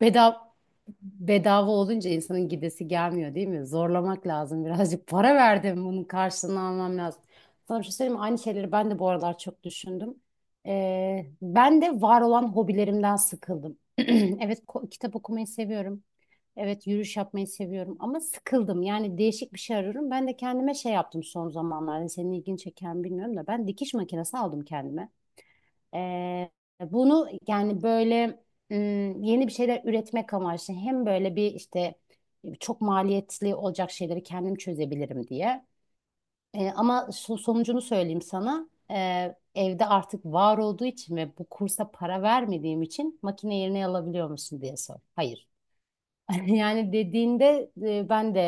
Bedava, bedava olunca insanın gidesi gelmiyor değil mi? Zorlamak lazım birazcık. Para verdim bunun karşılığını almam lazım. Sana bir şey söyleyeyim mi? Aynı şeyleri ben de bu aralar çok düşündüm. Ben de var olan hobilerimden sıkıldım. Evet, kitap okumayı seviyorum. Evet, yürüyüş yapmayı seviyorum ama sıkıldım. Yani değişik bir şey arıyorum. Ben de kendime şey yaptım son zamanlarda. Hani senin ilgini çeken bilmiyorum da ben dikiş makinesi aldım kendime. Ee, Bunu yani böyle yeni bir şeyler üretmek amaçlı hem böyle bir işte çok maliyetli olacak şeyleri kendim çözebilirim diye. Ama sonucunu söyleyeyim sana. Evde artık var olduğu için ve bu kursa para vermediğim için makine yerine alabiliyor musun diye sor. Hayır. Yani dediğinde ben de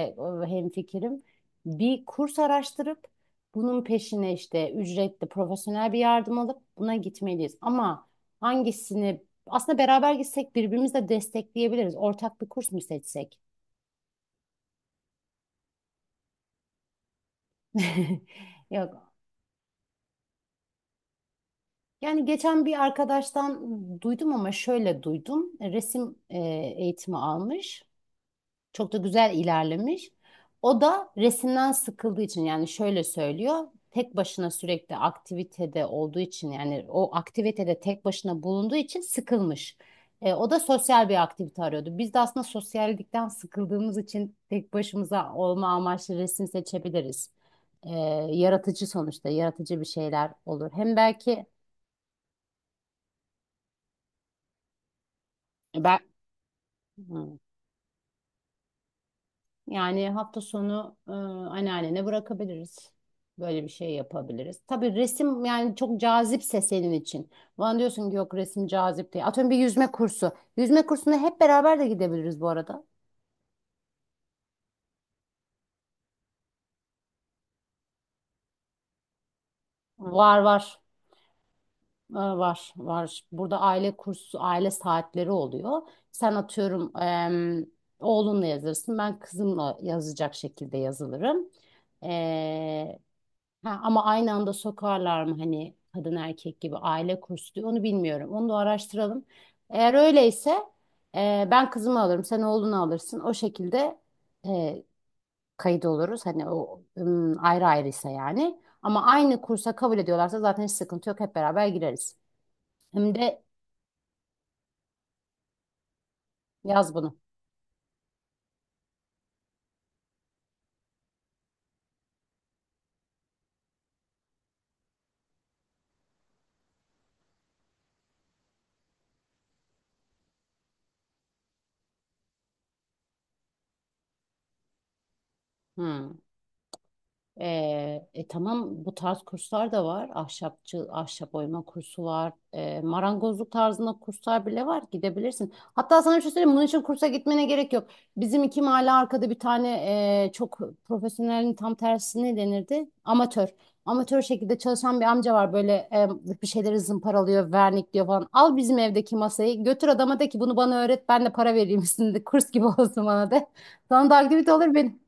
hemfikirim. Bir kurs araştırıp bunun peşine işte ücretli profesyonel bir yardım alıp buna gitmeliyiz. Ama hangisini aslında beraber gitsek birbirimizi de destekleyebiliriz. Ortak bir kurs mu seçsek? Yok. Yani geçen bir arkadaştan duydum ama şöyle duydum. Resim eğitimi almış. Çok da güzel ilerlemiş. O da resimden sıkıldığı için yani şöyle söylüyor. Tek başına sürekli aktivitede olduğu için yani o aktivitede tek başına bulunduğu için sıkılmış. O da sosyal bir aktivite arıyordu. Biz de aslında sosyallikten sıkıldığımız için tek başımıza olma amaçlı resim seçebiliriz. E, Yaratıcı sonuçta yaratıcı bir şeyler olur. Hem belki ben... yani hafta sonu anneannene bırakabiliriz. Böyle bir şey yapabiliriz. Tabii resim yani çok cazipse senin için. Bana diyorsun ki yok, resim cazip değil. Atıyorum bir yüzme kursu. Yüzme kursuna hep beraber de gidebiliriz bu arada. Var var. Var var. Burada aile kursu, aile saatleri oluyor. Sen atıyorum oğlunla yazırsın. Ben kızımla yazacak şekilde yazılırım. Ee, Ha, ama aynı anda sokarlar mı hani kadın erkek gibi aile kursu diyor, onu bilmiyorum. Onu da araştıralım. Eğer öyleyse ben kızımı alırım, sen oğlunu alırsın. O şekilde e, kayıt oluruz. Hani o ayrı ayrıysa yani. Ama aynı kursa kabul ediyorlarsa zaten hiç sıkıntı yok. Hep beraber gireriz. Hem de yaz bunu. Hmm. Tamam, bu tarz kurslar da var. Ahşapçı, ahşap oyma kursu var. Marangozluk tarzında kurslar bile var. Gidebilirsin. Hatta sana bir şey söyleyeyim. Bunun için kursa gitmene gerek yok. Bizim iki mahalle arkada bir tane çok, profesyonelin tam tersi ne denirdi? Amatör. Amatör şekilde çalışan bir amca var. Böyle bir şeyleri zımparalıyor, vernikliyor falan. Al bizim evdeki masayı. Götür adama de ki bunu bana öğret. Ben de para vereyim üstünde. Kurs gibi olsun bana de. Sana da aktivite olur benim.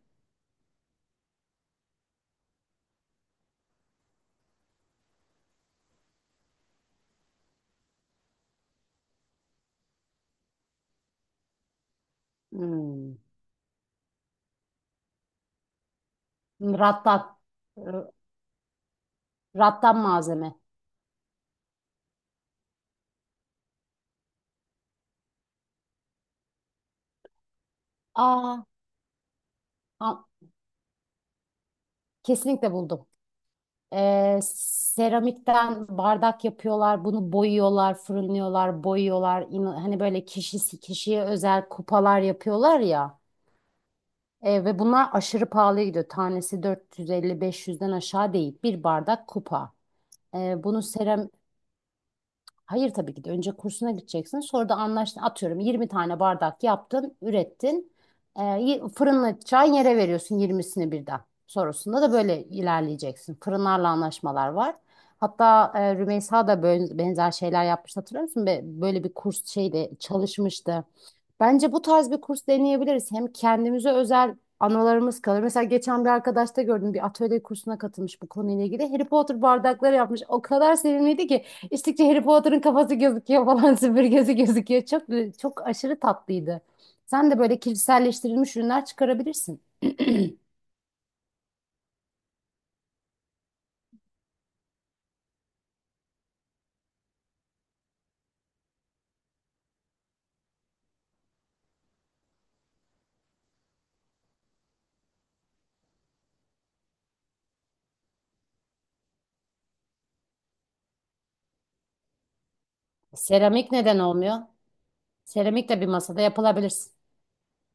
Hmm. Rattan. R- Rattan malzeme. Aa, ha- kesinlikle buldum. Seramikten bardak yapıyorlar, bunu boyuyorlar, fırınlıyorlar, boyuyorlar. Hani böyle kişisi kişiye özel kupalar yapıyorlar ya. Ve bunlar aşırı pahalıya gidiyor. Tanesi 450-500'den aşağı değil. Bir bardak kupa. Bunu seram. Hayır, tabii ki de önce kursuna gideceksin. Sonra da anlaştın. Atıyorum, 20 tane bardak yaptın, ürettin. Fırınla çay yere veriyorsun 20'sini birden. Sonrasında da böyle ilerleyeceksin. Fırınlarla anlaşmalar var. Hatta Rümeysa da böyle benzer şeyler yapmış, hatırlıyor musun? Böyle bir kurs şeyde çalışmıştı. Bence bu tarz bir kurs deneyebiliriz. Hem kendimize özel anılarımız kalır. Mesela geçen bir arkadaşta gördüm, bir atölye kursuna katılmış bu konuyla ilgili. Harry Potter bardakları yapmış. O kadar sevimliydi ki İçtikçe Harry Potter'ın kafası gözüküyor falan süpürgesi gözüküyor. Çok, çok aşırı tatlıydı. Sen de böyle kişiselleştirilmiş ürünler çıkarabilirsin. Seramik neden olmuyor? Seramik de bir masada yapılabilirsin.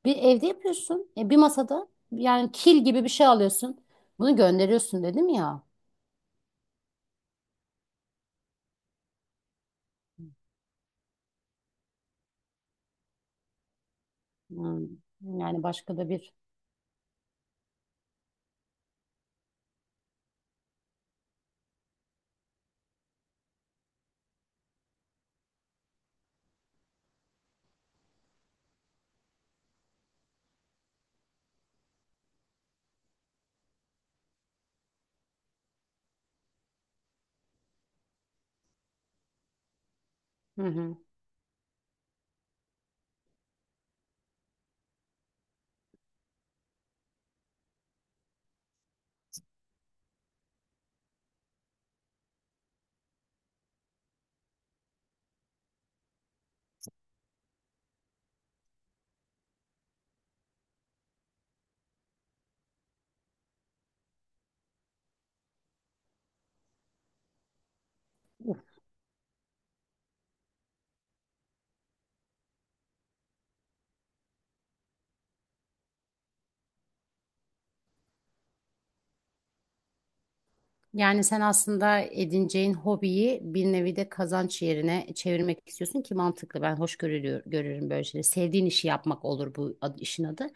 Bir evde yapıyorsun. Bir masada yani kil gibi bir şey alıyorsun. Bunu gönderiyorsun dedim ya. Hmm. Yani başka da bir. Hı hı. Yani sen aslında edineceğin hobiyi bir nevi de kazanç yerine çevirmek istiyorsun ki mantıklı. Ben hoş görülüyor, görürüm böyle şeyleri. Sevdiğin işi yapmak olur bu, işin adı.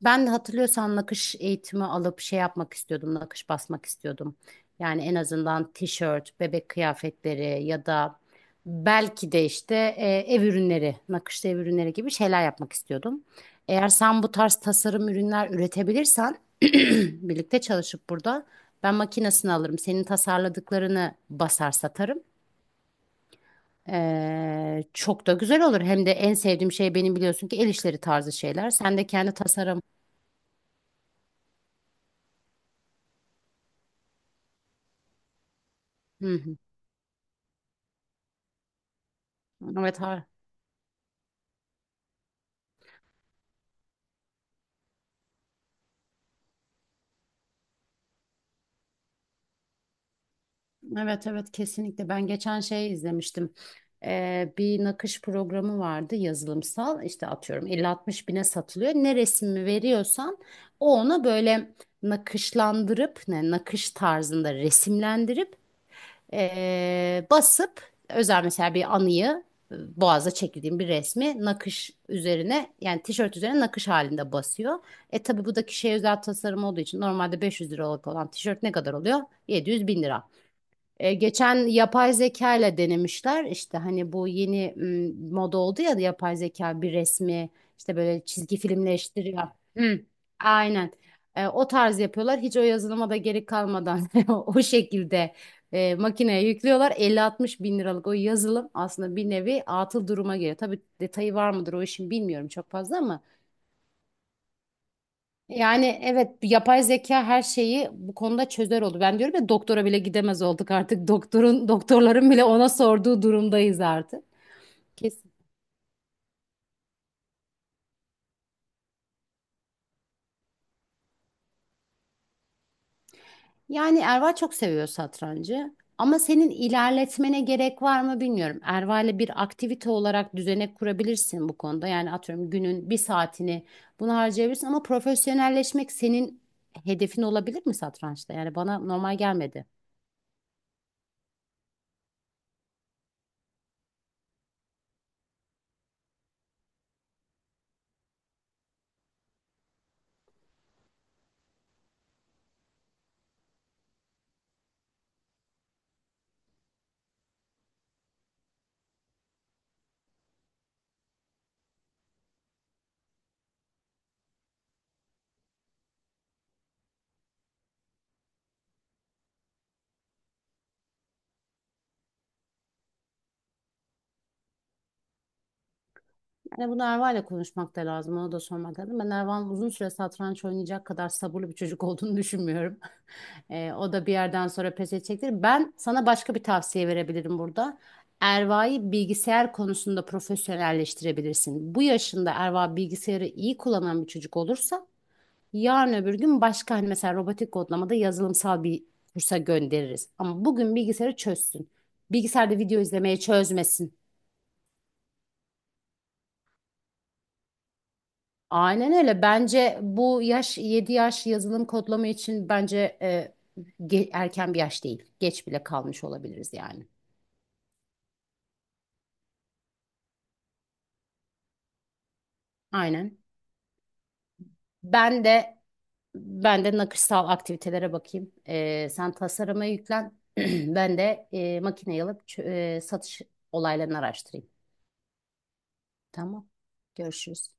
Ben de hatırlıyorsan nakış eğitimi alıp şey yapmak istiyordum, nakış basmak istiyordum. Yani en azından tişört, bebek kıyafetleri ya da belki de işte ev ürünleri, nakışlı ev ürünleri gibi şeyler yapmak istiyordum. Eğer sen bu tarz tasarım ürünler üretebilirsen birlikte çalışıp burada. Ben makinesini alırım. Senin tasarladıklarını basar satarım. Çok da güzel olur. Hem de en sevdiğim şey benim biliyorsun ki el işleri tarzı şeyler. Sen de kendi tasarım. Hı hı. Evet, evet, evet, kesinlikle. Ben geçen şey izlemiştim. Bir nakış programı vardı, yazılımsal. İşte atıyorum 50-60 bine satılıyor. Ne resmi veriyorsan o ona böyle nakışlandırıp, ne nakış tarzında resimlendirip basıp özel mesela bir anıyı, boğaza çekildiğim bir resmi nakış üzerine yani tişört üzerine nakış halinde basıyor. Tabi bu da kişiye özel tasarım olduğu için normalde 500 liralık olan tişört ne kadar oluyor? 700 bin lira. Geçen yapay zeka ile denemişler işte, hani bu yeni moda oldu ya, yapay zeka bir resmi işte böyle çizgi filmleştiriyor. Hı, aynen. O tarz yapıyorlar hiç o yazılıma da gerek kalmadan. O şekilde makineye yüklüyorlar, 50-60 bin liralık o yazılım aslında bir nevi atıl duruma geliyor. Tabii detayı var mıdır o işin, bilmiyorum çok fazla ama yani evet, yapay zeka her şeyi bu konuda çözer oldu. Ben diyorum ya, doktora bile gidemez olduk artık. Doktorların bile ona sorduğu durumdayız artık. Kesin. Yani Erva çok seviyor satrancı. Ama senin ilerletmene gerek var mı bilmiyorum. Erva ile bir aktivite olarak düzenek kurabilirsin bu konuda. Yani atıyorum, günün bir saatini bunu harcayabilirsin ama profesyonelleşmek senin hedefin olabilir mi satrançta? Yani bana normal gelmedi. Hani bunu Erva'yla konuşmak da lazım. Ona da sormak lazım. Ben Erva'nın uzun süre satranç oynayacak kadar sabırlı bir çocuk olduğunu düşünmüyorum. O da bir yerden sonra pes edecektir. Ben sana başka bir tavsiye verebilirim burada. Erva'yı bilgisayar konusunda profesyonelleştirebilirsin. Bu yaşında Erva bilgisayarı iyi kullanan bir çocuk olursa yarın öbür gün başka, hani mesela robotik kodlamada yazılımsal bir kursa göndeririz. Ama bugün bilgisayarı çözsün. Bilgisayarda video izlemeye çözmesin. Aynen öyle. Bence bu yaş, 7 yaş yazılım kodlama için bence erken bir yaş değil. Geç bile kalmış olabiliriz yani. Aynen. Ben de ben de nakışsal aktivitelere bakayım. Sen tasarıma yüklen. Ben de makineyi alıp satış olaylarını araştırayım. Tamam. Görüşürüz.